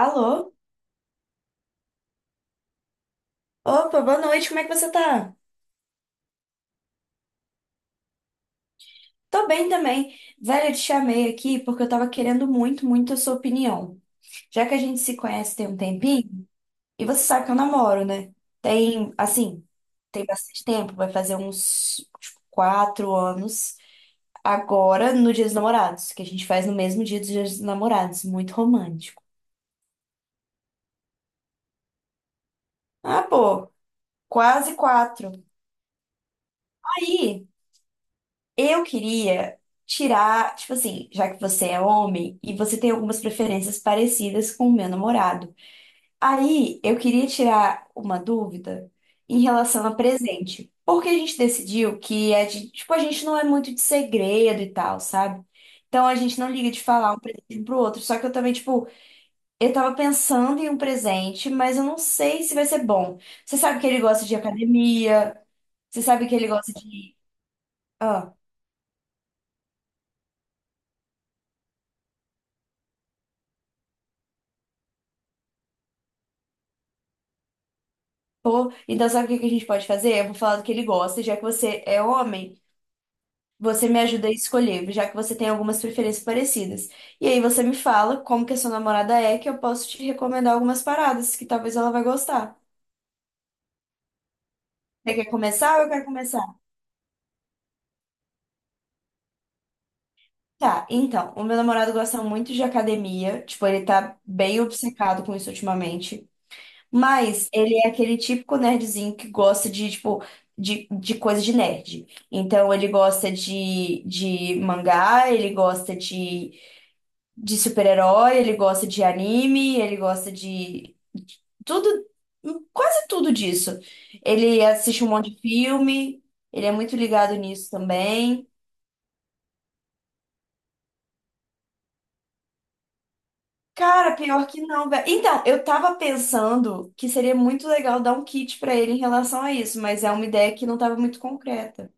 Alô? Opa, boa noite, como é que você tá? Tô bem também. Velho, eu te chamei aqui porque eu tava querendo muito, muito a sua opinião. Já que a gente se conhece tem um tempinho, e você sabe que eu namoro, né? Tem, assim, tem bastante tempo, vai fazer uns, tipo, quatro anos. Agora, no Dia dos Namorados, que a gente faz no mesmo dia dos Dias dos Namorados, muito romântico. Ah, pô, quase quatro. Aí. Eu queria tirar, tipo assim, já que você é homem e você tem algumas preferências parecidas com o meu namorado. Aí eu queria tirar uma dúvida em relação a presente. Porque a gente decidiu que a gente, tipo, a gente não é muito de segredo e tal, sabe? Então a gente não liga de falar um presente um pro outro. Só que eu também, tipo, eu tava pensando em um presente, mas eu não sei se vai ser bom. Você sabe que ele gosta de academia, você sabe que ele gosta de. Pô, então sabe o que que a gente pode fazer? Eu vou falar do que ele gosta, já que você é homem, você me ajuda a escolher, já que você tem algumas preferências parecidas. E aí você me fala como que a sua namorada é, que eu posso te recomendar algumas paradas que talvez ela vai gostar. Você quer começar ou eu quero começar? Tá, então, o meu namorado gosta muito de academia, tipo, ele tá bem obcecado com isso ultimamente. Mas ele é aquele típico nerdzinho que gosta de, tipo, de coisa de nerd. Então ele gosta de mangá, ele gosta de super-herói, ele gosta de anime, ele gosta de tudo, quase tudo disso. Ele assiste um monte de filme, ele é muito ligado nisso também. Cara, pior que não, velho. Então, eu tava pensando que seria muito legal dar um kit pra ele em relação a isso, mas é uma ideia que não tava muito concreta.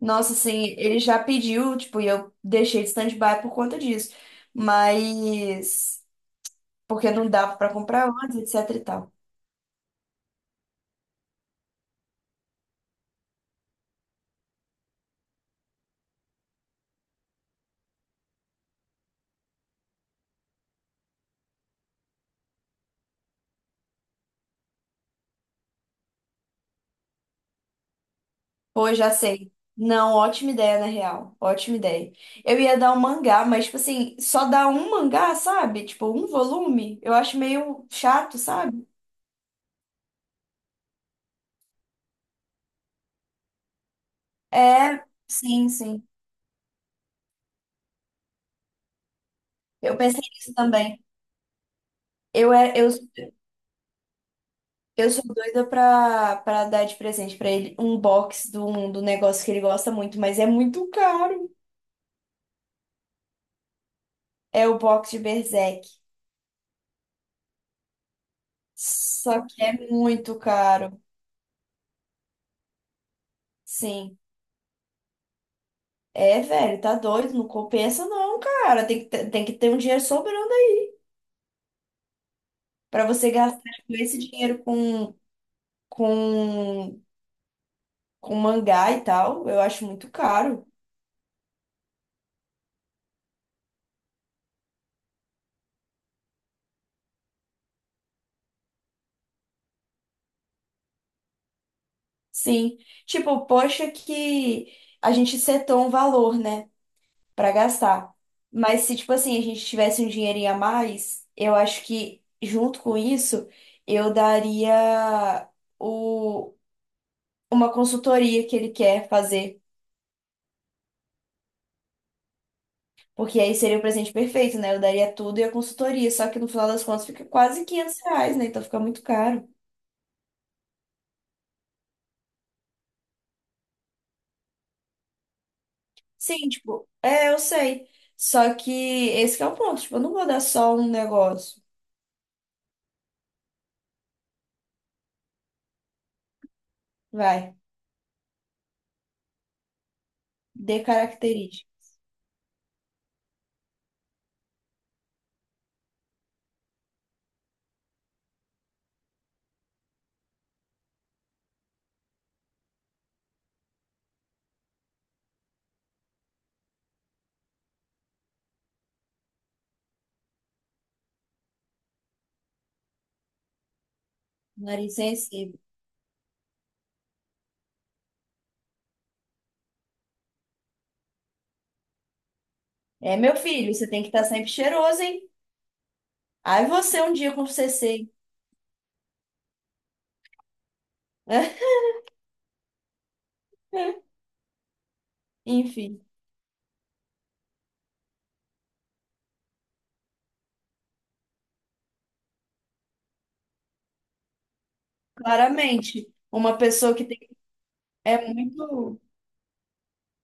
Nossa, assim, ele já pediu, tipo, e eu deixei de stand-by por conta disso. Mas porque não dava pra comprar antes, etc e tal. Pô, já sei. Não, ótima ideia, na real. Ótima ideia. Eu ia dar um mangá, mas, tipo assim, só dar um mangá, sabe? Tipo, um volume, eu acho meio chato, sabe? É, sim, sim. Eu pensei nisso também. Eu, é, eu sou doida pra, dar de presente pra ele um box do negócio que ele gosta muito, mas é muito caro. É o box de Berserk. Só que é muito caro. Sim. É, velho, tá doido, não compensa não, cara. Tem que, tem que ter um dinheiro sobrando aí pra você gastar com esse dinheiro com, com mangá e tal. Eu acho muito caro. Sim. Tipo, poxa que a gente setou um valor, né? Pra gastar. Mas se, tipo assim, a gente tivesse um dinheirinho a mais, eu acho que junto com isso, eu daria o, uma consultoria que ele quer fazer. Porque aí seria o presente perfeito, né? Eu daria tudo e a consultoria. Só que no final das contas fica quase 500 reais, né? Então fica muito caro. Sim, tipo, é, eu sei. Só que esse que é o ponto. Tipo, eu não vou dar só um negócio. Vai, dê característica. Nariz sensível. É, meu filho, você tem que estar sempre cheiroso, hein? Aí você um dia com CC, né? Enfim, claramente, uma pessoa que tem, é muito,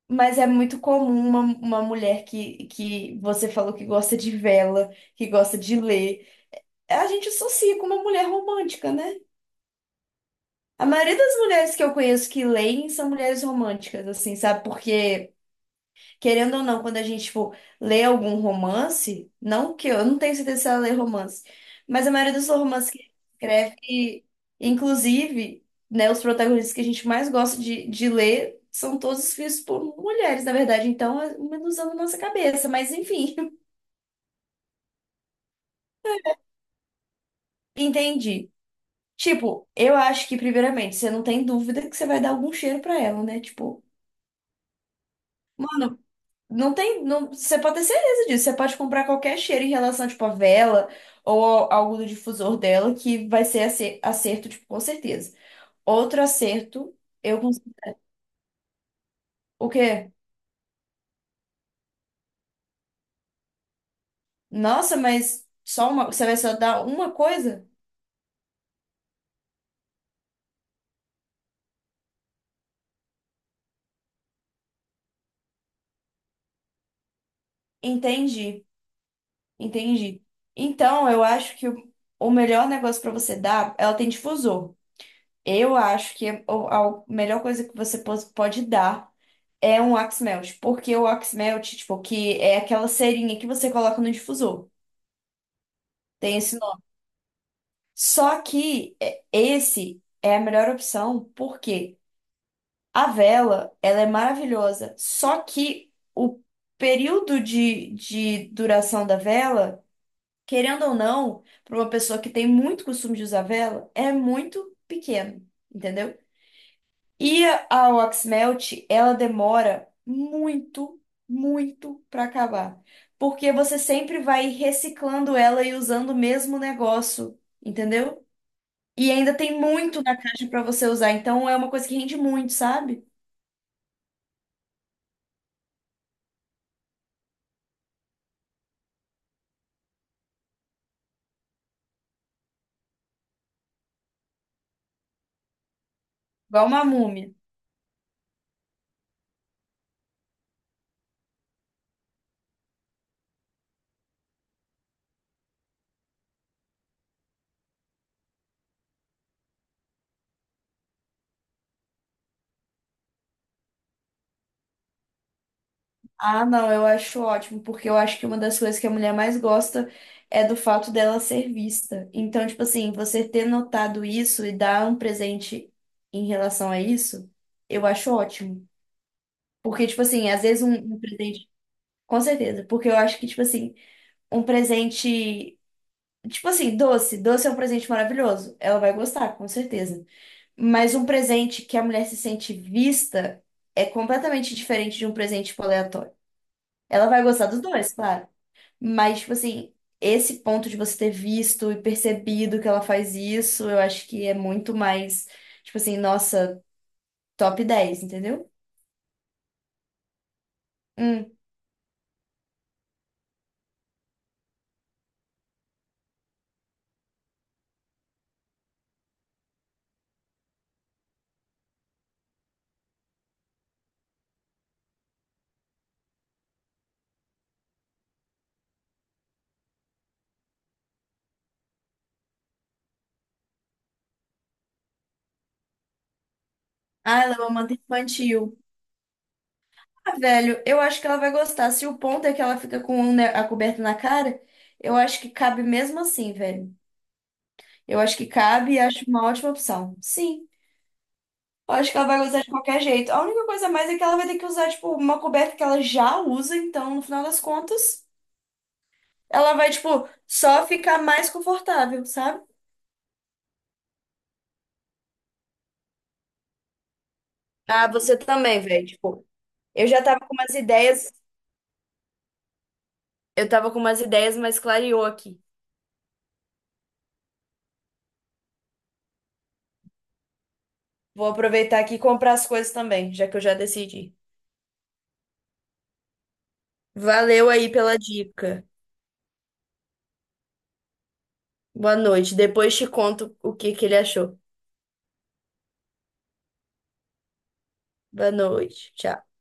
mas é muito comum uma mulher que você falou que gosta de vela, que gosta de ler. A gente associa com uma mulher romântica, né? A maioria das mulheres que eu conheço que leem são mulheres românticas, assim, sabe? Porque querendo ou não, quando a gente, tipo, lê algum romance, não que eu, não tenho certeza se ela lê romance, mas a maioria dos romances que ela escreve, inclusive, né, os protagonistas que a gente mais gosta de ler são todos escritos por mulheres, na verdade, então é uma ilusão na nossa cabeça, mas enfim, entendi. Tipo, eu acho que, primeiramente, você não tem dúvida que você vai dar algum cheiro pra ela, né? Tipo, não tem, não, você pode ter certeza disso. Você pode comprar qualquer cheiro em relação, tipo, a vela ou algo do difusor dela que vai ser acerto, tipo, com certeza. Outro acerto, eu cons- o quê? Nossa, mas só uma, você vai só dar uma coisa? Entendi, entendi. Então, eu acho que o melhor negócio pra você dar, ela tem difusor. Eu acho que a melhor coisa que você pode dar é um wax melt, porque o wax melt, tipo, que é aquela cerinha que você coloca no difusor. Tem esse nome. Só que é, esse é a melhor opção, porque a vela, ela é maravilhosa, só que o período de duração da vela, querendo ou não, para uma pessoa que tem muito costume de usar vela, é muito pequeno, entendeu? E a Waxmelt, ela demora muito, muito para acabar. Porque você sempre vai reciclando ela e usando o mesmo negócio, entendeu? E ainda tem muito na caixa para você usar, então é uma coisa que rende muito, sabe? Igual uma múmia. Ah, não, eu acho ótimo, porque eu acho que uma das coisas que a mulher mais gosta é do fato dela ser vista. Então, tipo assim, você ter notado isso e dar um presente em relação a isso, eu acho ótimo. Porque, tipo assim, às vezes um presente. Com certeza. Porque eu acho que, tipo assim, um presente. Tipo assim, doce. Doce é um presente maravilhoso. Ela vai gostar, com certeza. Mas um presente que a mulher se sente vista é completamente diferente de um presente, tipo, aleatório. Ela vai gostar dos dois, claro. Mas, tipo assim, esse ponto de você ter visto e percebido que ela faz isso, eu acho que é muito mais, tipo assim, nossa, top 10 entendeu? Hum. Ah, ela é uma amante infantil. Ah, velho, eu acho que ela vai gostar. Se o ponto é que ela fica com um, né, a coberta na cara, eu acho que cabe mesmo assim, velho. Eu acho que cabe e acho uma ótima opção. Sim, eu acho que ela vai gostar de qualquer jeito. A única coisa a mais é que ela vai ter que usar, tipo, uma coberta que ela já usa, então, no final das contas, ela vai, tipo, só ficar mais confortável, sabe? Ah, você também, velho. Tipo, eu já tava com umas ideias, mas clareou aqui. Vou aproveitar aqui e comprar as coisas também, já que eu já decidi. Valeu aí pela dica. Boa noite. Depois te conto o que que ele achou. Boa noite. Tchau.